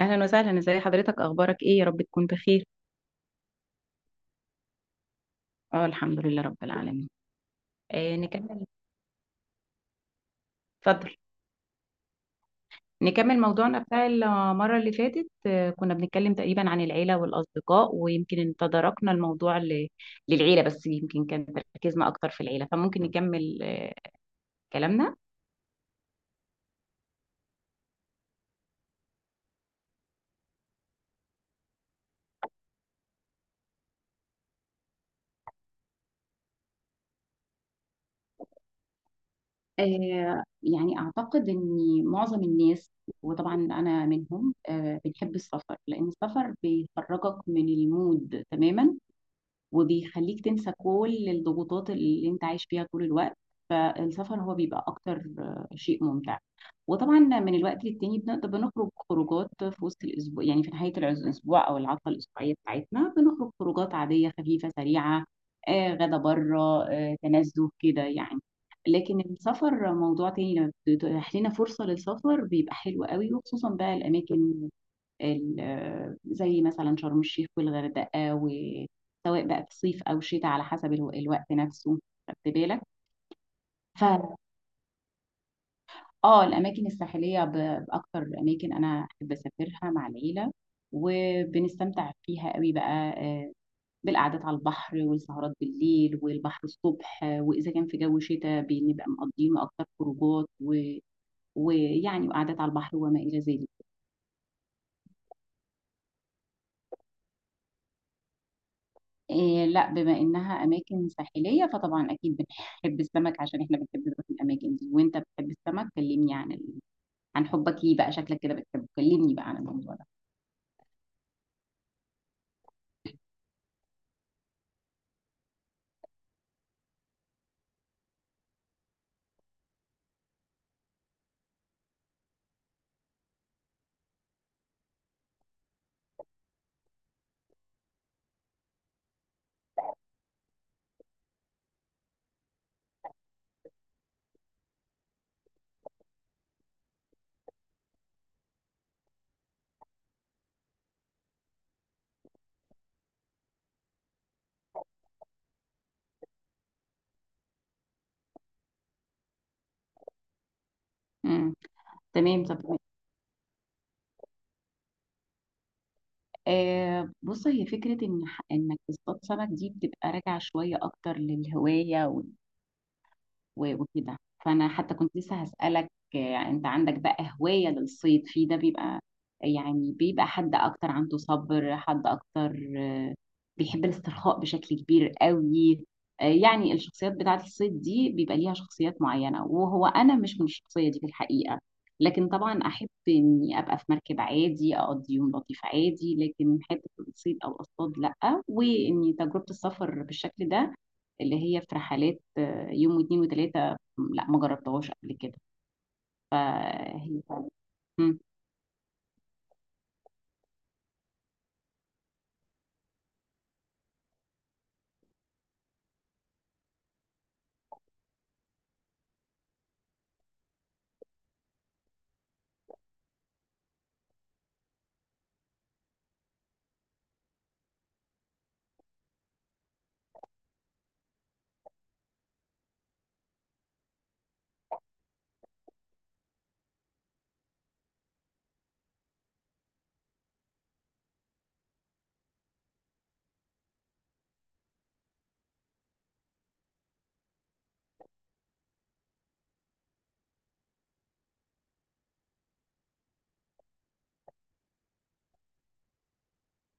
اهلا وسهلا، ازي حضرتك، اخبارك ايه؟ يا رب تكون بخير. اه الحمد لله رب العالمين. نكمل. اتفضل. نكمل موضوعنا بتاع المره اللي فاتت. كنا بنتكلم تقريبا عن العيله والاصدقاء، ويمكن إن تداركنا للعيله، بس يمكن كان تركيزنا اكتر في العيله، فممكن نكمل كلامنا. آه، يعني أعتقد إن معظم الناس، وطبعا أنا منهم، بنحب السفر، لأن السفر بيخرجك من المود تماما وبيخليك تنسى كل الضغوطات اللي انت عايش فيها طول الوقت. فالسفر هو بيبقى اكتر شيء ممتع. وطبعا من الوقت للتاني بنقدر بنخرج خروجات في وسط الاسبوع، يعني في نهايه الاسبوع او العطله الاسبوعيه بتاعتنا، بنخرج خروجات عاديه خفيفه سريعه، غدا بره، تنزه كده يعني. لكن السفر موضوع تاني، لما بتتيح لنا فرصه للسفر بيبقى حلو قوي، وخصوصا بقى الاماكن زي مثلا شرم الشيخ والغردقة، وسواء بقى في صيف أو شتاء على حسب الوقت نفسه. خدت بالك؟ ف اه الأماكن الساحلية بأكتر أماكن أنا أحب أسافرها مع العيلة، وبنستمتع فيها قوي بقى، آه، بالقعدات على البحر والسهرات بالليل والبحر الصبح، وإذا كان في جو شتاء بنبقى مقضينه أكتر خروجات، ويعني وقعدات على البحر وما إلى ذلك. إيه لا، بما إنها أماكن ساحلية فطبعا أكيد بنحب السمك، عشان إحنا بنحب نروح الأماكن دي. وأنت بتحب السمك، كلمني عن حبك ليه بقى، شكلك كده بتحبه، كلمني بقى عن الموضوع ده. امم، تمام. طب بص، هي فكرة إن إنك تصطاد سمك دي بتبقى راجعة شوية أكتر للهواية وكده. فأنا حتى كنت لسه هسألك، أنت عندك بقى هواية للصيد؟ في ده بيبقى يعني بيبقى حد أكتر عنده صبر، حد أكتر بيحب الاسترخاء بشكل كبير قوي. يعني الشخصيات بتاعت الصيد دي بيبقى ليها شخصيات معينة، وهو أنا مش من الشخصية دي في الحقيقة. لكن طبعا أحب إني أبقى في مركب عادي أقضي يوم لطيف عادي، لكن حتة الصيد أو الأصطاد لأ. وإني تجربة السفر بالشكل ده اللي هي في رحلات يوم واتنين وتلاتة، لأ ما جربتهاش قبل كده. فهي مم.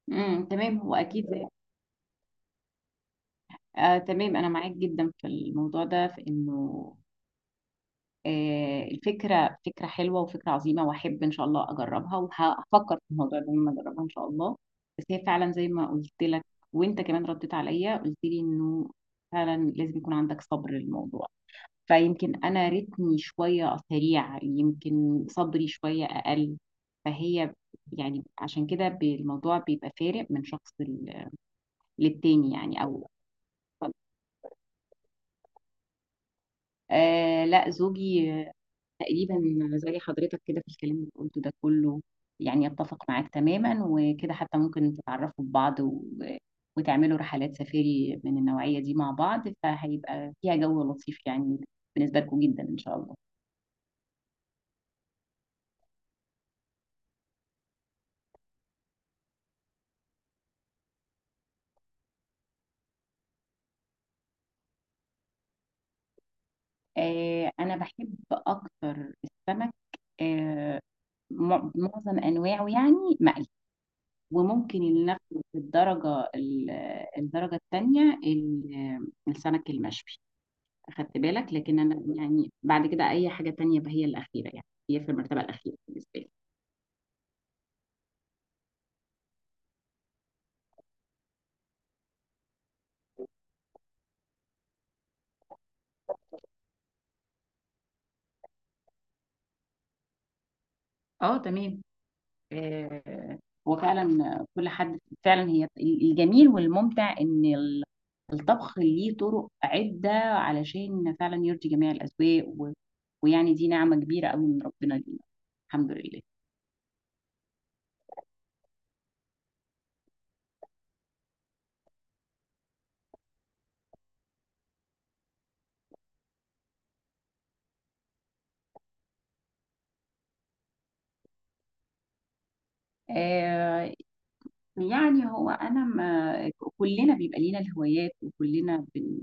مم. تمام، هو أكيد. آه تمام، أنا معاك جدا في الموضوع ده، في إنه الفكرة فكرة حلوة وفكرة عظيمة، وأحب إن شاء الله أجربها، وهفكر في الموضوع ده لما أجربها إن شاء الله. بس هي فعلا زي ما قلت لك، وأنت كمان رديت عليا قلت لي إنه فعلا لازم يكون عندك صبر للموضوع. فيمكن أنا رتمي شوية سريع، يمكن صبري شوية أقل. فهي يعني عشان كده الموضوع بيبقى فارق من شخص للتاني يعني، أو آه لا، زوجي تقريبا زي حضرتك كده في الكلام اللي قلته ده كله، يعني يتفق معاك تماما. وكده حتى ممكن تتعرفوا ببعض وتعملوا رحلات سفاري من النوعية دي مع بعض، فهيبقى فيها جو لطيف يعني بالنسبة لكم جدا إن شاء الله. آه أنا بحب أكتر السمك، آه معظم أنواعه، يعني مقلي، وممكن اللي ناخده في الدرجة التانية السمك المشوي، أخدت بالك؟ لكن أنا يعني بعد كده أي حاجة تانية بقى هي الأخيرة، يعني هي في المرتبة الأخيرة بالنسبة لي. اه تمام. آه هو فعلا كل حد، فعلا هي الجميل والممتع إن الطبخ ليه طرق عدة، علشان فعلا يرضي جميع الأذواق، ويعني دي نعمة كبيرة قوي من ربنا لينا، الحمد لله. آه يعني هو أنا ما كلنا بيبقى لينا الهوايات،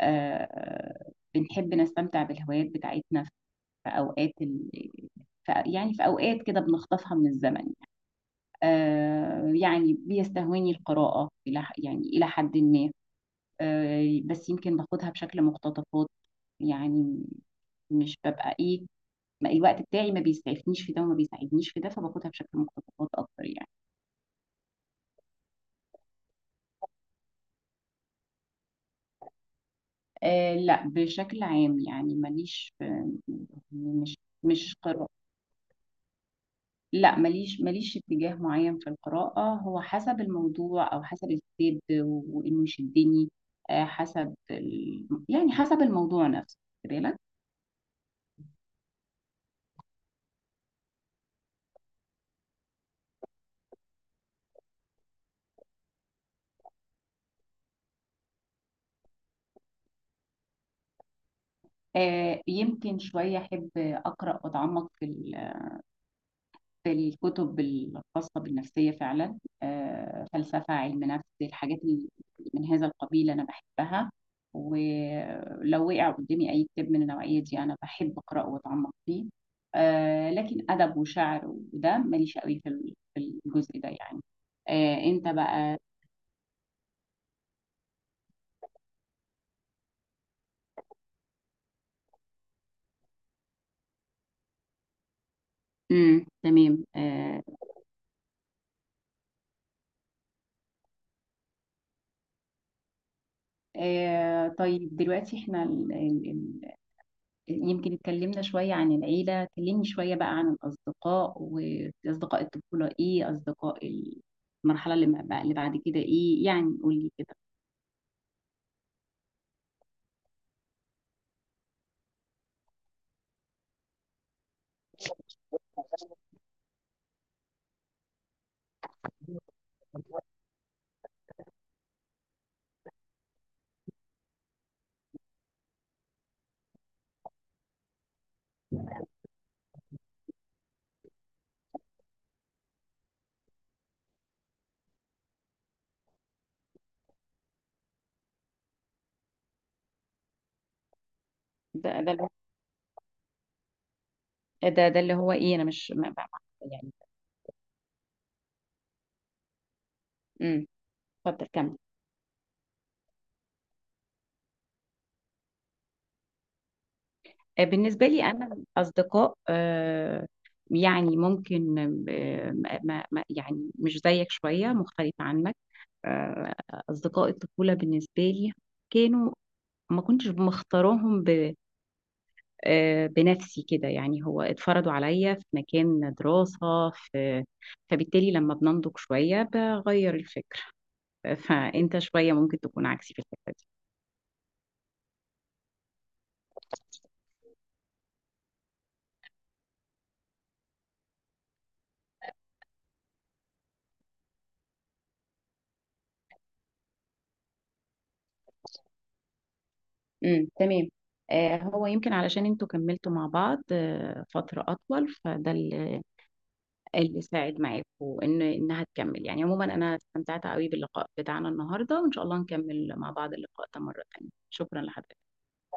آه بنحب نستمتع بالهوايات بتاعتنا في يعني في أوقات كده بنخطفها من الزمن. يعني بيستهويني القراءة إلى يعني إلى حد ما، آه بس يمكن باخدها بشكل مقتطفات، يعني مش ببقى إيه، ما الوقت بتاعي ما بيسعفنيش في ده وما بيساعدنيش في ده، فباخدها بشكل مقتطفات أكتر يعني. آه لا، بشكل عام، يعني مش مش قراءة، لا ماليش، ماليش اتجاه معين في القراءة، هو حسب الموضوع أو حسب الكتاب وإنه يشدني، آه، يعني حسب الموضوع نفسه، خد بالك. يمكن شوية أحب أقرأ وأتعمق في الكتب الخاصة بالنفسية فعلا، فلسفة، علم نفس، الحاجات اللي من هذا القبيل أنا بحبها، ولو وقع قدامي أي كتاب من النوعية دي أنا بحب أقرأه وأتعمق فيه. لكن أدب وشعر وده ماليش قوي في في الجزء ده يعني. أنت بقى؟ مم. تمام. طيب دلوقتي احنا يمكن اتكلمنا شوية عن العيلة، كلمني شوية بقى عن الأصدقاء، وأصدقاء الطفولة إيه، أصدقاء المرحلة اللي ما بقى- اللي بعد كده إيه، يعني قولي كده. ده ده اللي- ده اللي هو ايه، انا مش يعني امم، اتفضل كمل. بالنسبه لي انا اصدقاء، يعني ممكن، يعني مش زيك، شويه مختلفه عنك. آه، اصدقاء الطفوله بالنسبه لي كانوا ما كنتش مختاراهم بنفسي كده، يعني هو اتفرضوا عليا في مكان دراسة في، فبالتالي لما بننضج شوية بغير الفكر، فأنت شوية ممكن تكون عكسي في الحتة دي. امم، تمام. هو يمكن علشان انتوا كملتوا مع بعض فترة أطول، فده اللي اللي ساعد معاكوا إن إنها تكمل يعني. عموما أنا استمتعت قوي باللقاء بتاعنا النهاردة، وإن شاء الله نكمل مع بعض اللقاء ده مرة تانية. شكرا لحضرتك.